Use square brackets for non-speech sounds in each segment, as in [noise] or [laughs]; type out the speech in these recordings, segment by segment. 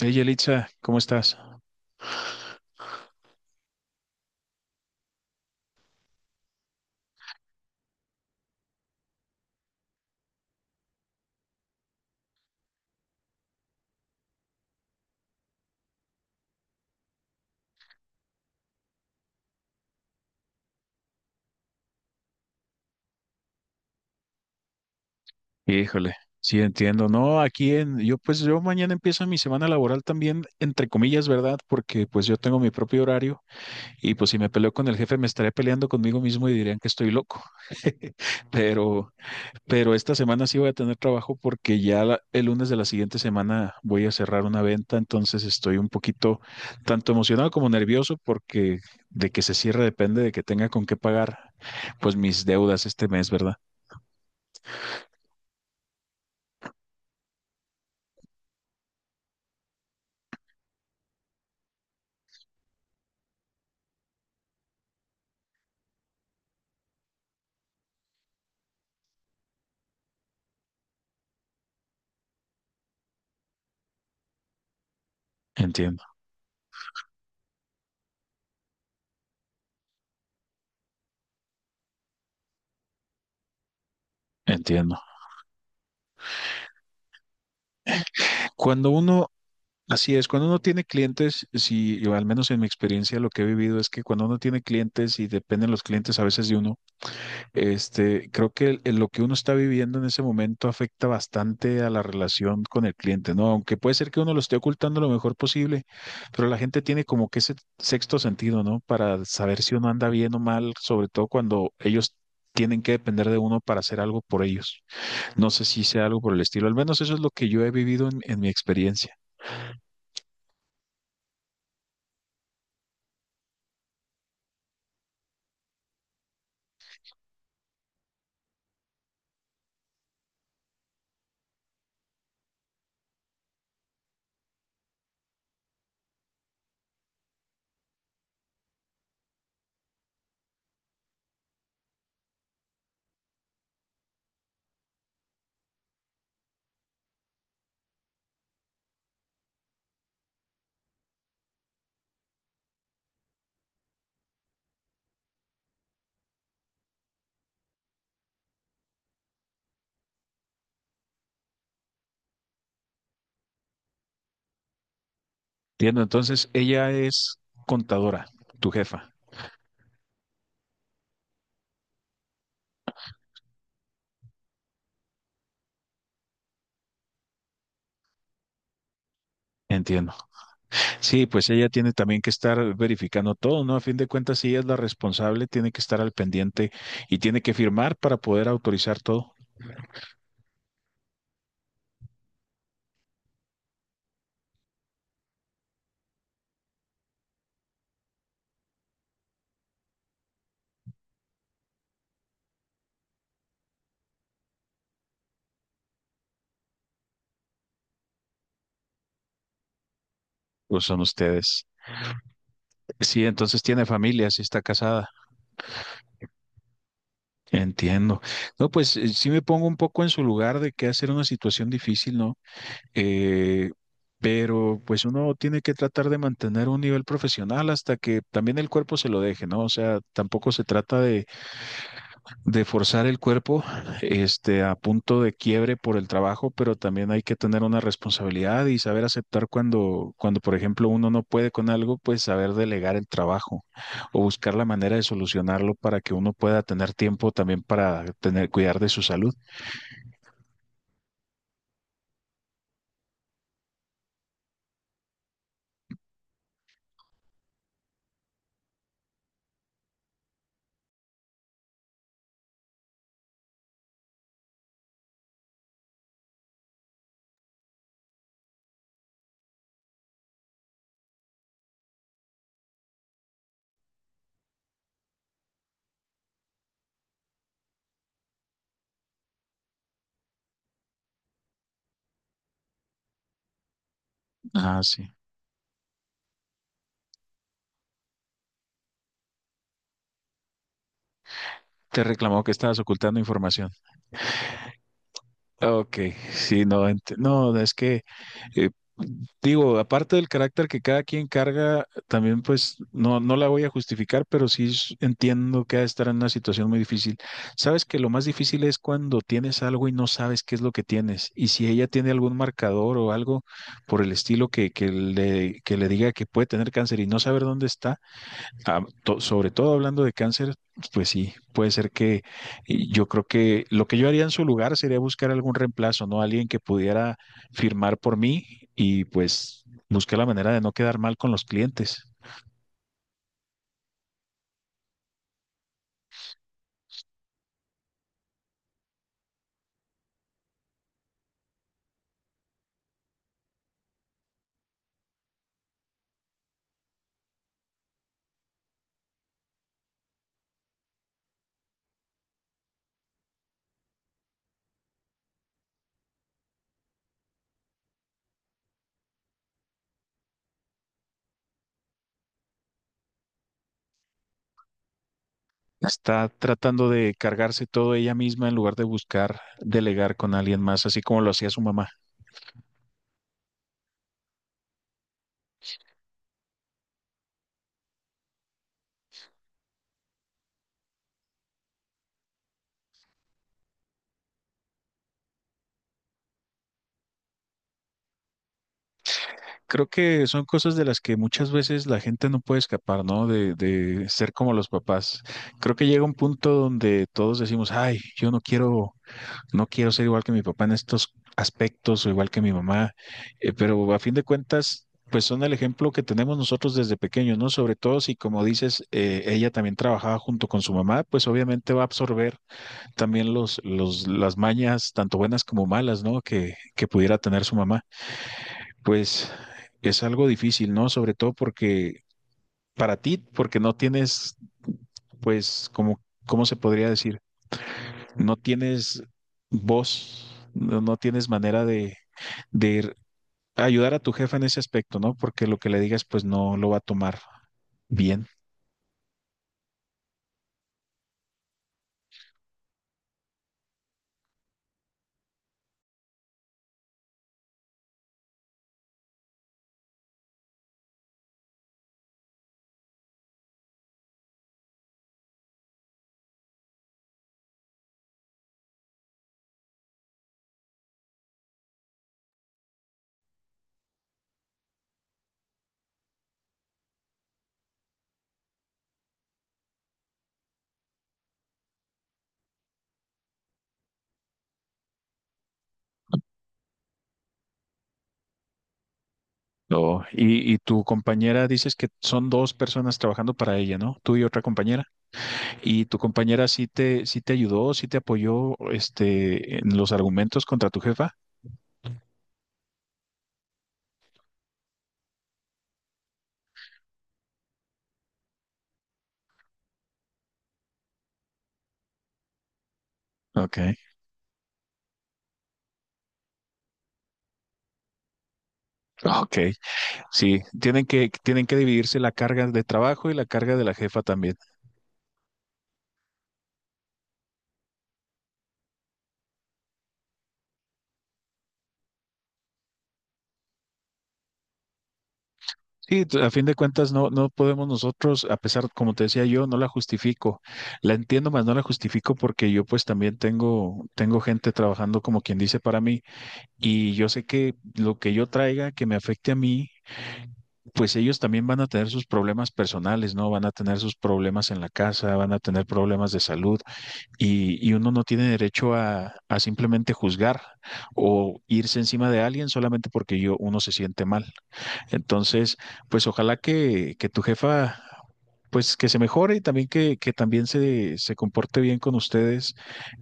Hey, Yelitza, ¿cómo estás? Híjole, sí entiendo. No, aquí yo pues yo mañana empieza mi semana laboral también, entre comillas, ¿verdad? Porque pues yo tengo mi propio horario y pues si me peleo con el jefe me estaré peleando conmigo mismo y dirían que estoy loco. [laughs] Pero, pero esta semana sí voy a tener trabajo porque ya el lunes de la siguiente semana voy a cerrar una venta, entonces estoy un poquito tanto emocionado como nervioso porque de que se cierre depende de que tenga con qué pagar pues mis deudas este mes, ¿verdad? Entiendo, entiendo. Cuando uno, así es, cuando uno tiene clientes, si, yo al menos en mi experiencia lo que he vivido es que cuando uno tiene clientes y dependen los clientes a veces de uno, este, creo que lo que uno está viviendo en ese momento afecta bastante a la relación con el cliente, ¿no? Aunque puede ser que uno lo esté ocultando lo mejor posible, pero la gente tiene como que ese sexto sentido, ¿no? Para saber si uno anda bien o mal, sobre todo cuando ellos tienen que depender de uno para hacer algo por ellos. No sé si sea algo por el estilo, al menos eso es lo que yo he vivido en mi experiencia. Entiendo, entonces ella es contadora, tu jefa. Entiendo. Sí, pues ella tiene también que estar verificando todo, ¿no? A fin de cuentas, si ella es la responsable, tiene que estar al pendiente y tiene que firmar para poder autorizar todo. Pues son ustedes. Sí, entonces tiene familia, sí está casada. Entiendo. No, pues sí me pongo un poco en su lugar de que hacer una situación difícil, ¿no? Eh, pero pues uno tiene que tratar de mantener un nivel profesional hasta que también el cuerpo se lo deje, ¿no? O sea, tampoco se trata de forzar el cuerpo, este, a punto de quiebre por el trabajo, pero también hay que tener una responsabilidad y saber aceptar cuando, por ejemplo, uno no puede con algo, pues saber delegar el trabajo o buscar la manera de solucionarlo para que uno pueda tener tiempo también para tener, cuidar de su salud. Ah, sí. Te reclamó que estabas ocultando información. Ok, sí, no, no, es que, eh, digo, aparte del carácter que cada quien carga, también pues no, no la voy a justificar, pero entiendo que ha de estar en una situación muy difícil. Sabes que lo más difícil es cuando tienes algo y no sabes qué es lo que tienes, y si ella tiene algún marcador o algo por el estilo que le diga que puede tener cáncer y no saber dónde está. Ah, sobre todo hablando de cáncer, pues sí, puede ser que y yo creo que lo que yo haría en su lugar sería buscar algún reemplazo, ¿no? Alguien que pudiera firmar por mí y pues buscar la manera de no quedar mal con los clientes. Está tratando de cargarse todo ella misma en lugar de buscar delegar con alguien más, así como lo hacía su mamá. Creo que son cosas de las que muchas veces la gente no puede escapar, ¿no? De ser como los papás. Creo que llega un punto donde todos decimos, ay, yo no quiero. No quiero ser igual que mi papá en estos aspectos o igual que mi mamá, pero a fin de cuentas, pues son el ejemplo que tenemos nosotros desde pequeños, ¿no? Sobre todo si, como dices, ella también trabajaba junto con su mamá, pues obviamente va a absorber también las mañas, tanto buenas como malas, ¿no? Que pudiera tener su mamá. Pues es algo difícil, ¿no? Sobre todo porque para ti, porque no tienes, pues, como, ¿cómo se podría decir? No tienes voz, no tienes manera de, de ir- ayudar a tu jefe en ese aspecto, ¿no? Porque lo que le digas, pues no lo va a tomar bien. No, y tu compañera dices que son dos personas trabajando para ella, ¿no? Tú y otra compañera. ¿Y tu compañera sí te ayudó, sí te apoyó, este, en los argumentos contra tu jefa? Ok, ok. Sí, tienen que dividirse la carga de trabajo y la carga de la jefa también. Sí, a fin de cuentas no, no podemos nosotros, a pesar, como te decía yo, no la justifico. La entiendo, más no la justifico porque yo pues también tengo, tengo gente trabajando como quien dice para mí y yo sé que lo que yo traiga que me afecte a mí, pues ellos también van a tener sus problemas personales, ¿no? Van a tener sus problemas en la casa, van a tener problemas de salud y uno no tiene derecho a simplemente juzgar o irse encima de alguien solamente porque yo, uno se siente mal. Entonces, pues ojalá que tu jefa, pues que se mejore y también que también se comporte bien con ustedes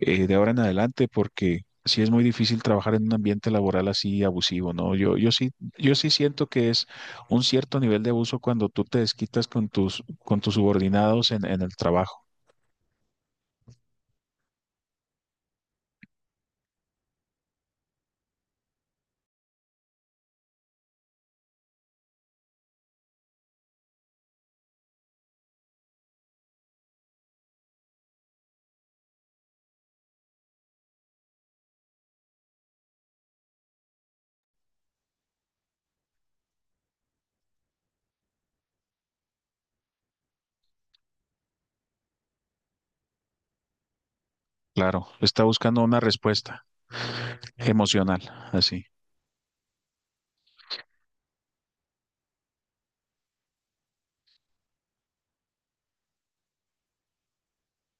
de ahora en adelante, porque sí es muy difícil trabajar en un ambiente laboral así abusivo, ¿no? Yo sí, yo sí siento que es un cierto nivel de abuso cuando tú te desquitas con tus subordinados en el trabajo. Claro, está buscando una respuesta emocional, así,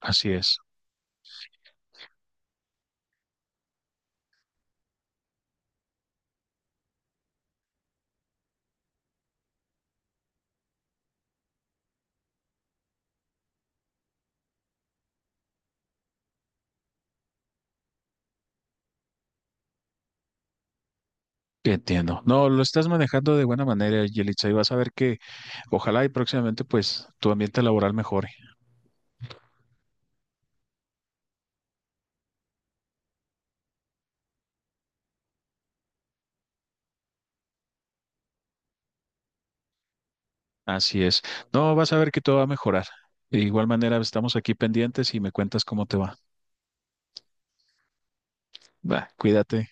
así es. Entiendo. No, lo estás manejando de buena manera, Yelitza, y vas a ver que ojalá y próximamente pues tu ambiente laboral mejore. Así es. No, vas a ver que todo va a mejorar. De igual manera, estamos aquí pendientes y me cuentas cómo te va. Va, cuídate.